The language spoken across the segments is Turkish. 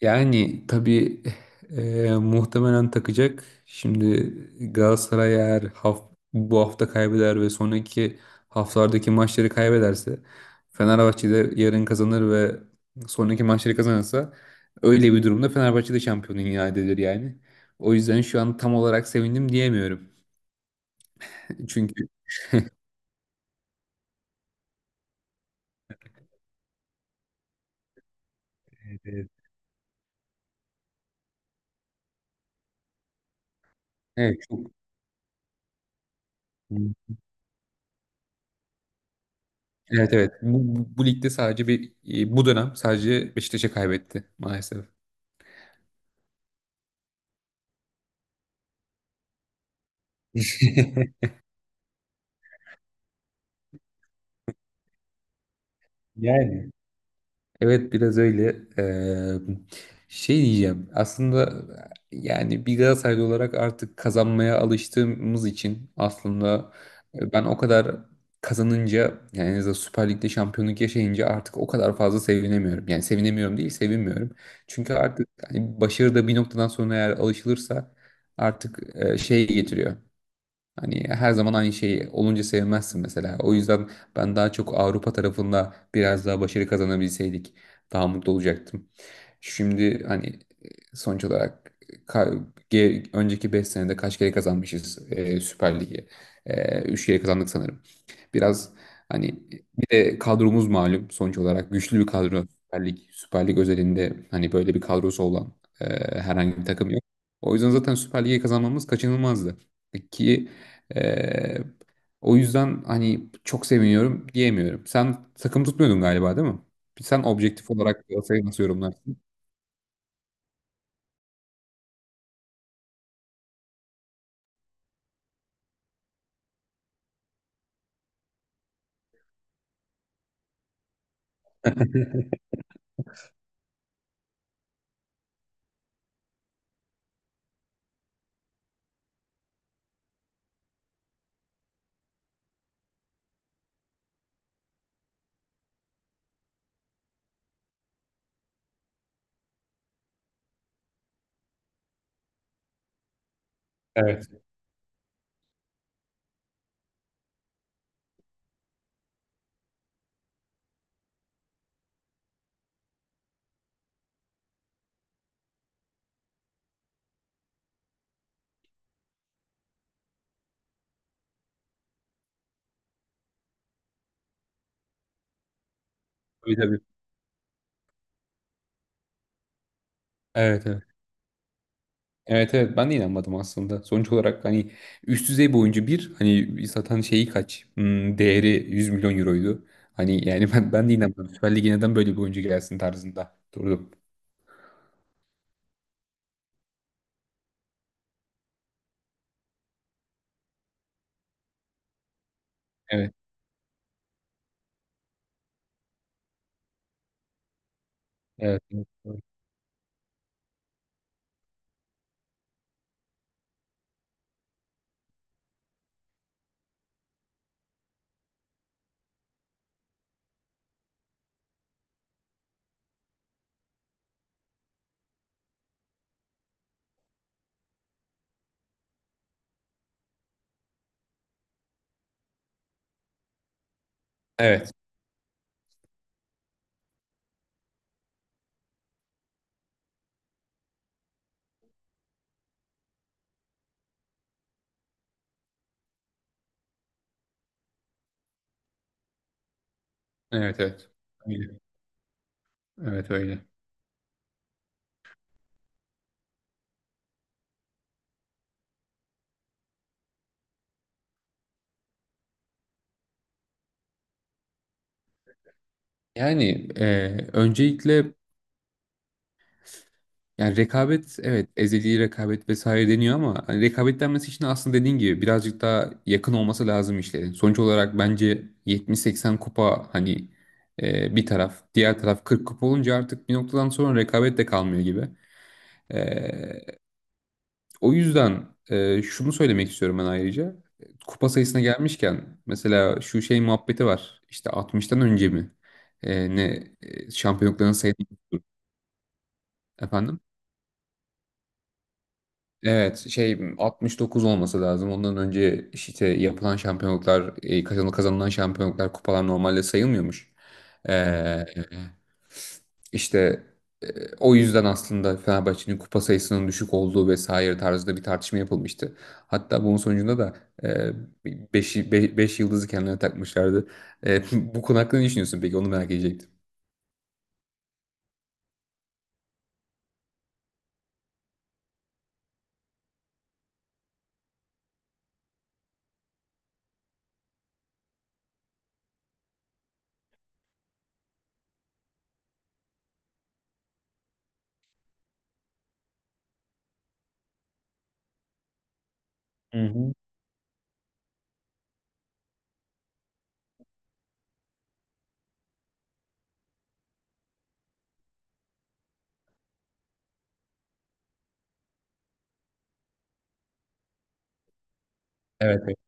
Yani tabii, muhtemelen takacak. Şimdi Galatasaray eğer bu hafta kaybeder ve sonraki haftalardaki maçları kaybederse, Fenerbahçe de yarın kazanır ve sonraki maçları kazanırsa, öyle bir durumda Fenerbahçe de şampiyon ilan edilir yani. O yüzden şu an tam olarak sevindim diyemiyorum. Çünkü. Evet. Evet, çok. Evet, evet, bu ligde sadece bir, bu dönem sadece Beşiktaş'a kaybetti maalesef. Yani, evet, biraz öyle. Şey diyeceğim. Aslında yani, bir Galatasaraylı olarak artık kazanmaya alıştığımız için, aslında ben o kadar kazanınca, yani en azından Süper Lig'de şampiyonluk yaşayınca, artık o kadar fazla sevinemiyorum. Yani sevinemiyorum değil, sevinmiyorum. Çünkü artık hani başarı da bir noktadan sonra eğer alışılırsa, artık şey getiriyor. Hani her zaman aynı şey olunca sevmezsin mesela. O yüzden ben daha çok Avrupa tarafında biraz daha başarı kazanabilseydik daha mutlu olacaktım. Şimdi hani, e, sonuç olarak, ka- önceki 5 senede kaç kere kazanmışız, Süper Lig'i? 3 kere kazandık sanırım. Biraz hani, bir de kadromuz malum, sonuç olarak güçlü bir kadro. Süper Lig özelinde hani böyle bir kadrosu olan e, herhangi bir takım yok. O yüzden zaten Süper Lig'i kazanmamız kaçınılmazdı. E, ki ee, O yüzden hani çok seviniyorum diyemiyorum. Sen takım tutmuyordun galiba, değil mi? Sen objektif olarak Galatasaray'ı nasıl yorumlarsın? Evet. Tabii, tabii. Evet, evet. Evet, evet, ben de inanmadım aslında. Sonuç olarak hani üst düzey bir oyuncu, bir hani zaten şeyi kaç, değeri 100 milyon euroydu. Hani, yani ben de inanmadım. Süper Lig'e neden böyle bir oyuncu gelsin tarzında durdum. Evet, evet, evet, evet, evet, evet. Öyle. Evet, öyle. Yani, öncelikle, yani rekabet, evet, ezeli rekabet vesaire deniyor, ama hani rekabet denmesi için aslında, dediğin gibi, birazcık daha yakın olması lazım işlerin. Sonuç olarak bence 70-80 kupa hani, bir taraf, diğer taraf 40 kupa olunca, artık bir noktadan sonra rekabet de kalmıyor gibi. E, O yüzden, şunu söylemek istiyorum ben ayrıca. Kupa sayısına gelmişken mesela, şu şey muhabbeti var işte, 60'tan önce mi, ne, şampiyonlukların sayısı efendim? Evet, şey, 69 olması lazım. Ondan önce işte yapılan şampiyonluklar, kazanılan şampiyonluklar, kupalar normalde sayılmıyormuş. Ee, işte e, o yüzden aslında Fenerbahçe'nin kupa sayısının düşük olduğu vesaire tarzında bir tartışma yapılmıştı. Hatta bunun sonucunda da 5 yıldızı kendilerine takmışlardı. E, Bu konu hakkında ne düşünüyorsun peki? Onu merak edecektim. Hı hı. Evet, evet,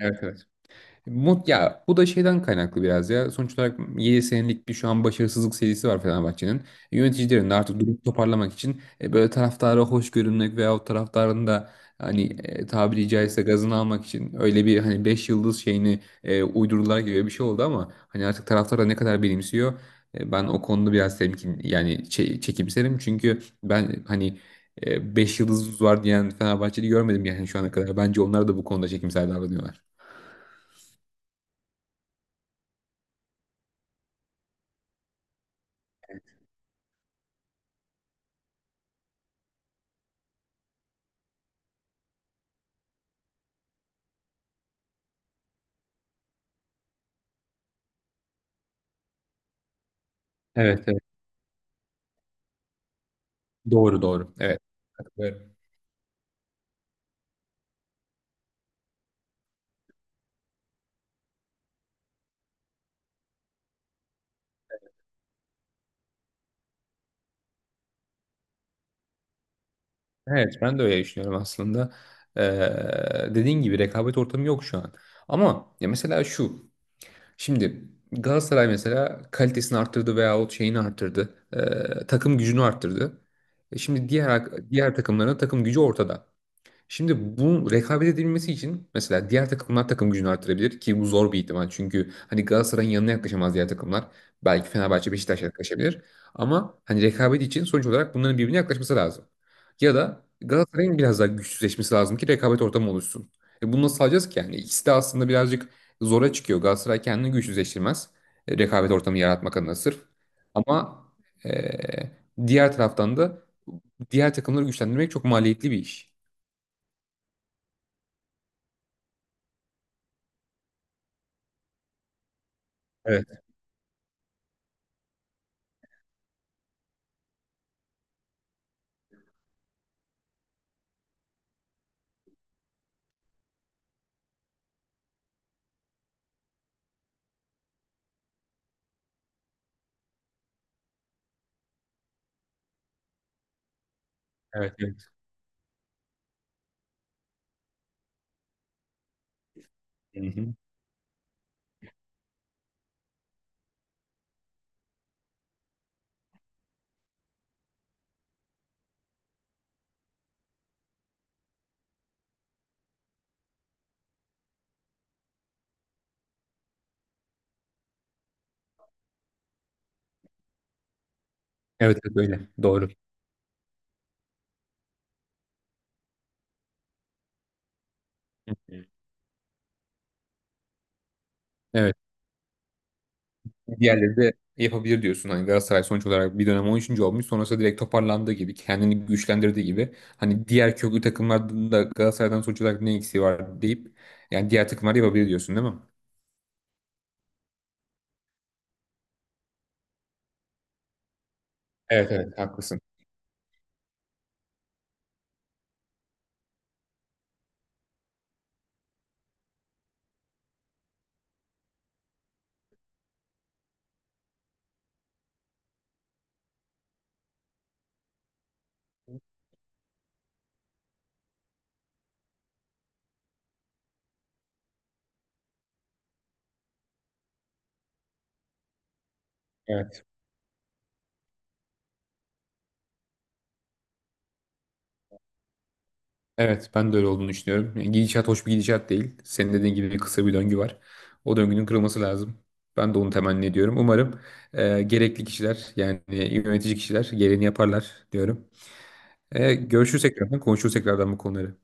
evet. Ya, bu da şeyden kaynaklı biraz ya. Sonuç olarak 7 senelik bir şu an başarısızlık serisi var Fenerbahçe'nin. Yöneticilerin de artık durumu toparlamak için, böyle taraftara hoş görünmek, veyahut taraftarın da hani, tabiri caizse gazını almak için, öyle bir hani 5 yıldız şeyini uydurdular gibi bir şey oldu. Ama hani artık taraftar da ne kadar benimsiyor, ben o konuda biraz temkin, yani çekimserim, çünkü ben hani, 5 yıldızımız var diyen Fenerbahçe'yi görmedim yani şu ana kadar. Bence onlar da bu konuda çekimser davranıyorlar. Evet. Doğru, doğru. Evet. Katılıyorum. Evet, ben de öyle düşünüyorum aslında. Dediğin gibi, rekabet ortamı yok şu an. Ama ya, mesela şu. Şimdi Galatasaray mesela kalitesini arttırdı, veyahut şeyini arttırdı. Takım gücünü arttırdı. Şimdi diğer takımların takım gücü ortada. Şimdi bu rekabet edilmesi için, mesela diğer takımlar takım gücünü artırabilir, ki bu zor bir ihtimal. Çünkü hani Galatasaray'ın yanına yaklaşamaz diğer takımlar. Belki Fenerbahçe Beşiktaş yaklaşabilir. Ama hani rekabet için sonuç olarak bunların birbirine yaklaşması lazım. Ya da Galatasaray'ın biraz daha güçsüzleşmesi lazım, ki rekabet ortamı oluşsun. Bunu nasıl sağlayacağız ki yani? İkisi de aslında birazcık zora çıkıyor. Galatasaray kendini güçsüzleştirmez, rekabet ortamı yaratmak adına sırf. Ama e, diğer taraftan da diğer takımları güçlendirmek çok maliyetli bir iş. Evet, evet. Hı hı. Evet, evet, öyle. Doğru. Evet. Evet. Diğerleri de yapabilir diyorsun. Hani Galatasaray sonuç olarak bir dönem 13. olmuş. Sonrasında direkt toparlandığı gibi, kendini güçlendirdiği gibi, hani diğer köklü takımlarda da Galatasaray'dan sonuç olarak ne eksiği var deyip, yani diğer takımlar yapabilir diyorsun, değil mi? Evet, evet, haklısın. Evet. Evet, ben de öyle olduğunu düşünüyorum. Yani gidişat hoş bir gidişat değil. Senin dediğin gibi kısa bir döngü var. O döngünün kırılması lazım. Ben de onu temenni ediyorum. Umarım gerekli kişiler, yani yönetici kişiler, gereğini yaparlar diyorum. Görüşürsek tekrardan, konuşuruz tekrardan bu konuları.